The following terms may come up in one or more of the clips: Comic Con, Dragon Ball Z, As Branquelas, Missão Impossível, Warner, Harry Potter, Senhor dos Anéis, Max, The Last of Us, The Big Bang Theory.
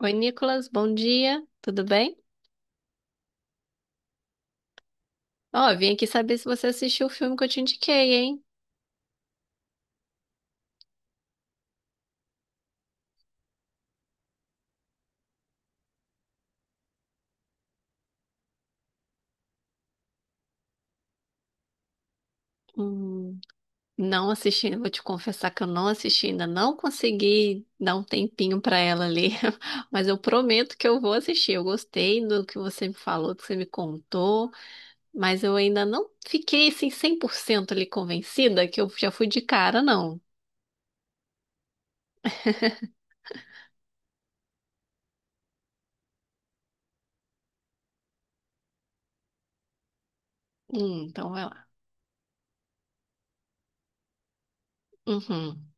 Oi, Nicolas, bom dia, tudo bem? Ó, vim aqui saber se você assistiu o filme que eu te indiquei, hein? Hum, não assisti, vou te confessar que eu não assisti ainda, não consegui dar um tempinho pra ela ali, mas eu prometo que eu vou assistir. Eu gostei do que você me falou, do que você me contou, mas eu ainda não fiquei assim 100% ali convencida que eu já fui de cara, não. Então vai lá. Uhum,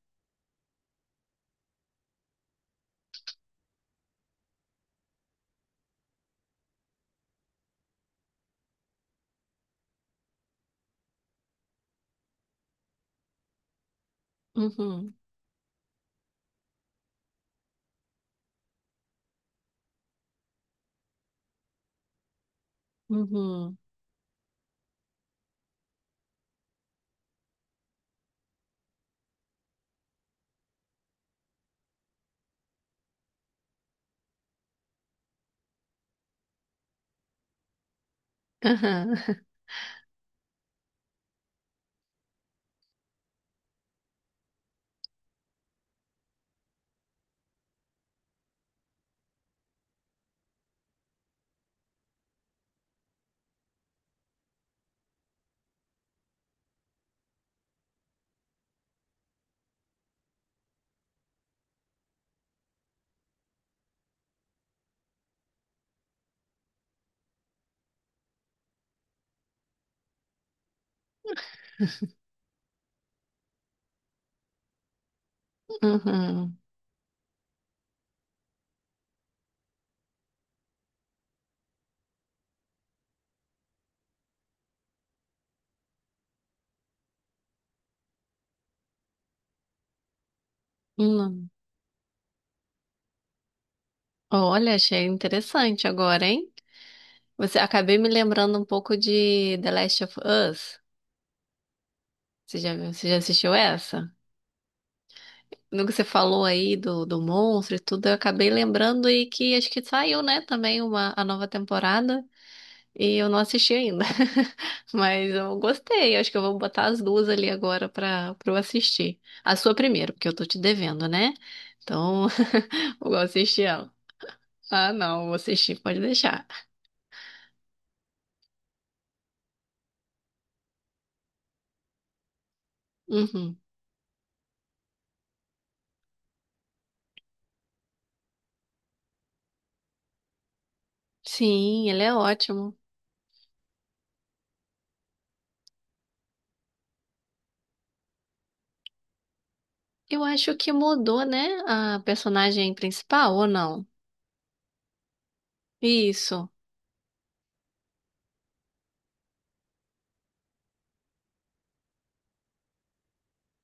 uhum, uhum, uhum, aham, uhum, uhum. Olha, achei interessante agora, hein? Você acabei me lembrando um pouco de The Last of Us. Você já assistiu essa? No que você falou aí do monstro e tudo, eu acabei lembrando e que acho que saiu, né, também uma, a nova temporada e eu não assisti ainda. Mas eu gostei, acho que eu vou botar as duas ali agora pra eu assistir. A sua primeiro, porque eu tô te devendo, né? Então, vou assistir ela. Ah, não, vou assistir, pode deixar. Uhum. Sim, ele é ótimo. Eu acho que mudou, né? A personagem principal, ou não? Isso.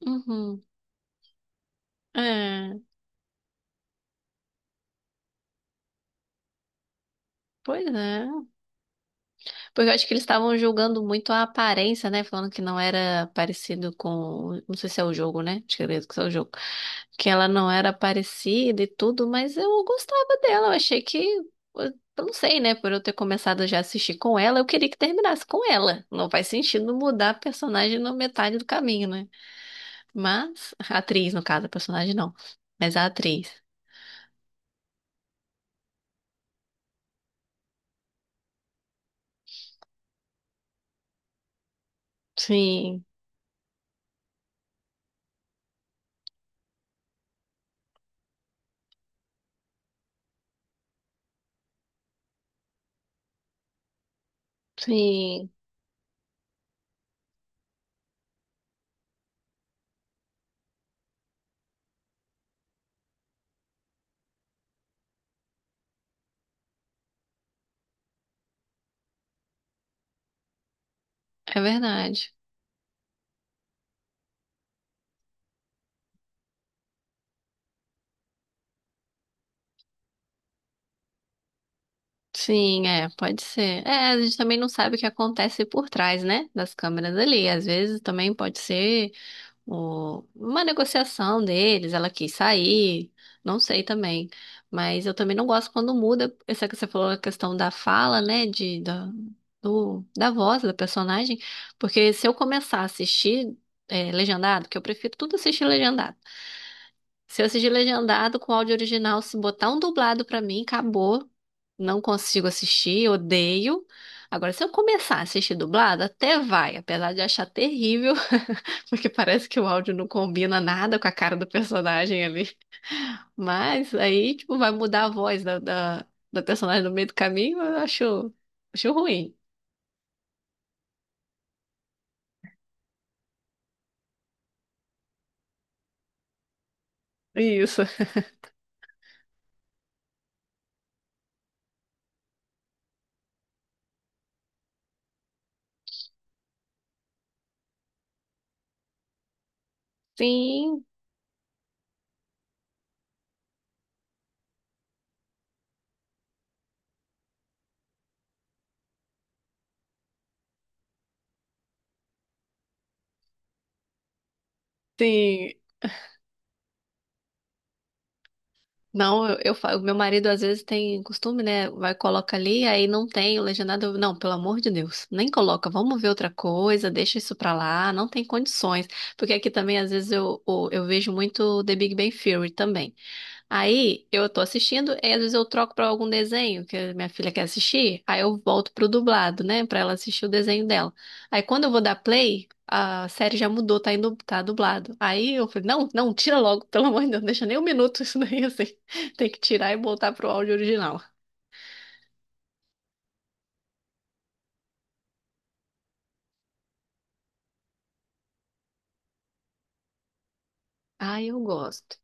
Uhum. É, pois é. Porque eu acho que eles estavam julgando muito a aparência, né? Falando que não era parecido com. Não sei se é o jogo, né? Acho que é o jogo. Que ela não era parecida e tudo, mas eu gostava dela. Eu achei que. Eu não sei, né? Por eu ter começado já a assistir com ela, eu queria que terminasse com ela. Não faz sentido mudar a personagem na metade do caminho, né? Mas, a atriz, no caso, a personagem não. Mas a atriz. Sim, sim, é verdade. Sim, é, pode ser. É, a gente também não sabe o que acontece por trás, né? Das câmeras ali. Às vezes também pode ser. O- uma negociação deles, ela quis sair, não sei também. Mas eu também não gosto quando muda, essa que você falou, a questão da fala, né, da voz da personagem, porque se eu começar a assistir é, legendado, que eu prefiro tudo assistir legendado. Se eu assistir legendado com áudio original, se botar um dublado pra mim, acabou. Não consigo assistir, odeio. Agora, se eu começar a assistir dublado, até vai, apesar de achar terrível. Porque parece que o áudio não combina nada com a cara do personagem ali. Mas aí, tipo, vai mudar a voz da personagem no meio do caminho, eu acho, acho ruim. Isso. Sim, sim. Não, o meu marido às vezes tem costume, né? Vai, coloca ali, aí não tem o legendado. Eu, não, pelo amor de Deus, nem coloca. Vamos ver outra coisa, deixa isso pra lá, não tem condições. Porque aqui também, às vezes, eu vejo muito The Big Bang Theory também. Aí eu tô assistindo e às vezes eu troco pra algum desenho que a minha filha quer assistir, aí eu volto pro dublado, né, pra ela assistir o desenho dela. Aí quando eu vou dar play, a série já mudou, tá indo, tá dublado. Aí eu falei: "Não, não, tira logo, pelo amor de Deus, não deixa nem um minuto isso daí assim. Tem que tirar e voltar pro áudio original". Ah, eu gosto.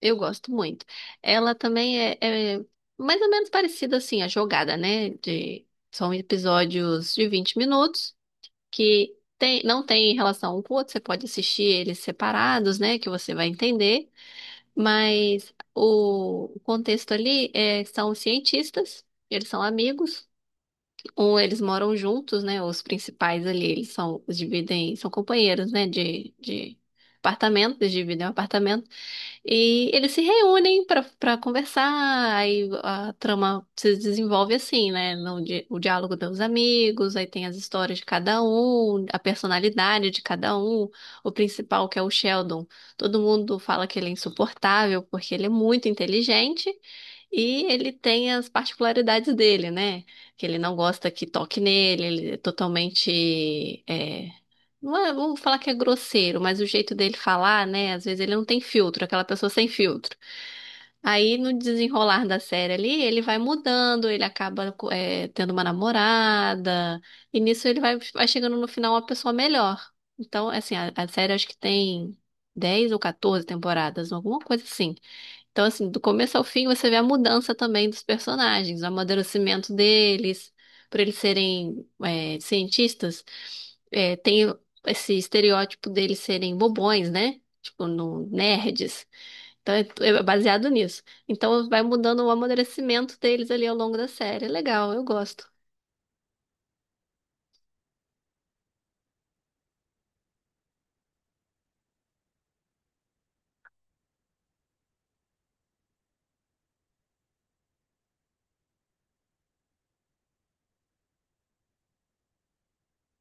Eu gosto muito. Ela também é mais ou menos parecida assim a jogada, né, de são episódios de 20 minutos. Que tem- não tem relação um com o outro, você pode assistir eles separados, né, que você vai entender, mas o contexto ali é, são os cientistas, eles são amigos, ou eles moram juntos, né, os principais ali, eles são, os dividem, são companheiros, né, de apartamento, eles dividem um apartamento, e eles se reúnem pra para conversar, aí a trama se desenvolve assim, né? No di- o diálogo dos amigos, aí tem as histórias de cada um, a personalidade de cada um. O principal, que é o Sheldon, todo mundo fala que ele é insuportável porque ele é muito inteligente e ele tem as particularidades dele, né? Que ele não gosta que toque nele, ele é totalmente é, não é, vamos falar que é grosseiro, mas o jeito dele falar, né? Às vezes ele não tem filtro, aquela pessoa sem filtro. Aí no desenrolar da série ali, ele vai mudando, ele acaba é, tendo uma namorada, e nisso ele vai, vai chegando no final uma pessoa melhor. Então, assim, a série acho que tem 10 ou 14 temporadas, alguma coisa assim. Então, assim, do começo ao fim, você vê a mudança também dos personagens, o amadurecimento deles, por eles serem é, cientistas, é, tem esse estereótipo deles serem bobões, né? Tipo, no, nerds. Então, é baseado nisso. Então, vai mudando o amadurecimento deles ali ao longo da série. É legal, eu gosto.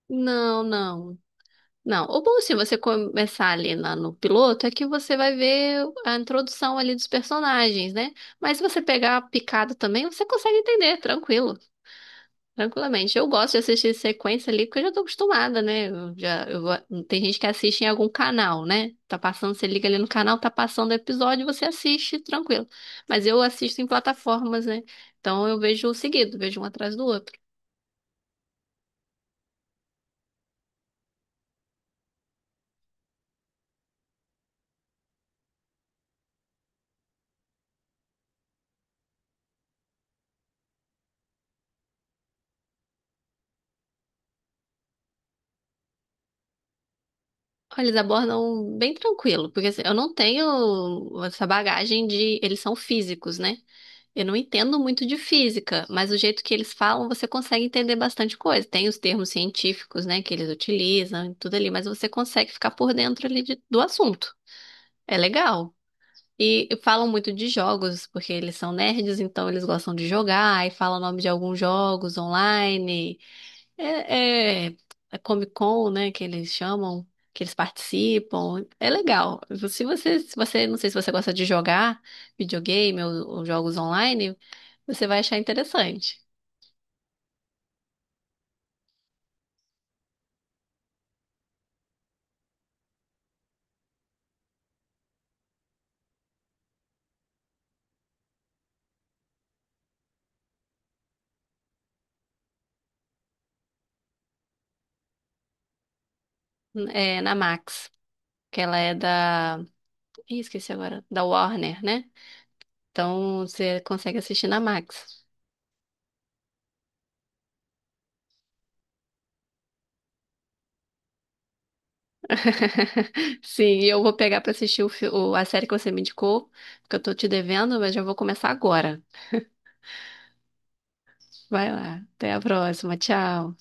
Não, não. Não, o bom se você começar ali no piloto é que você vai ver a introdução ali dos personagens, né? Mas se você pegar picado também, você consegue entender, tranquilo, tranquilamente. Eu gosto de assistir sequência ali porque eu já tô acostumada, né? Eu já, eu vou- Tem gente que assiste em algum canal, né? Tá passando, você liga ali no canal, tá passando o episódio, você assiste, tranquilo. Mas eu assisto em plataformas, né? Então eu vejo seguido, vejo um atrás do outro. Olha, eles abordam bem tranquilo, porque assim, eu não tenho essa bagagem de. Eles são físicos, né? Eu não entendo muito de física, mas o jeito que eles falam, você consegue entender bastante coisa. Tem os termos científicos, né, que eles utilizam e tudo ali, mas você consegue ficar por dentro ali do assunto. É legal. E falam muito de jogos, porque eles são nerds, então eles gostam de jogar, e falam o nome de alguns jogos online. é, a Comic Con, né, que eles chamam, que eles participam. É legal. Se você, se você, não sei se você gosta de jogar videogame ou jogos online, você vai achar interessante. É na Max, que ela é da, ih, esqueci agora, da Warner, né? Então você consegue assistir na Max. Sim, e eu vou pegar pra assistir a série que você me indicou, porque eu tô te devendo, mas já vou começar agora. Vai lá, até a próxima, tchau.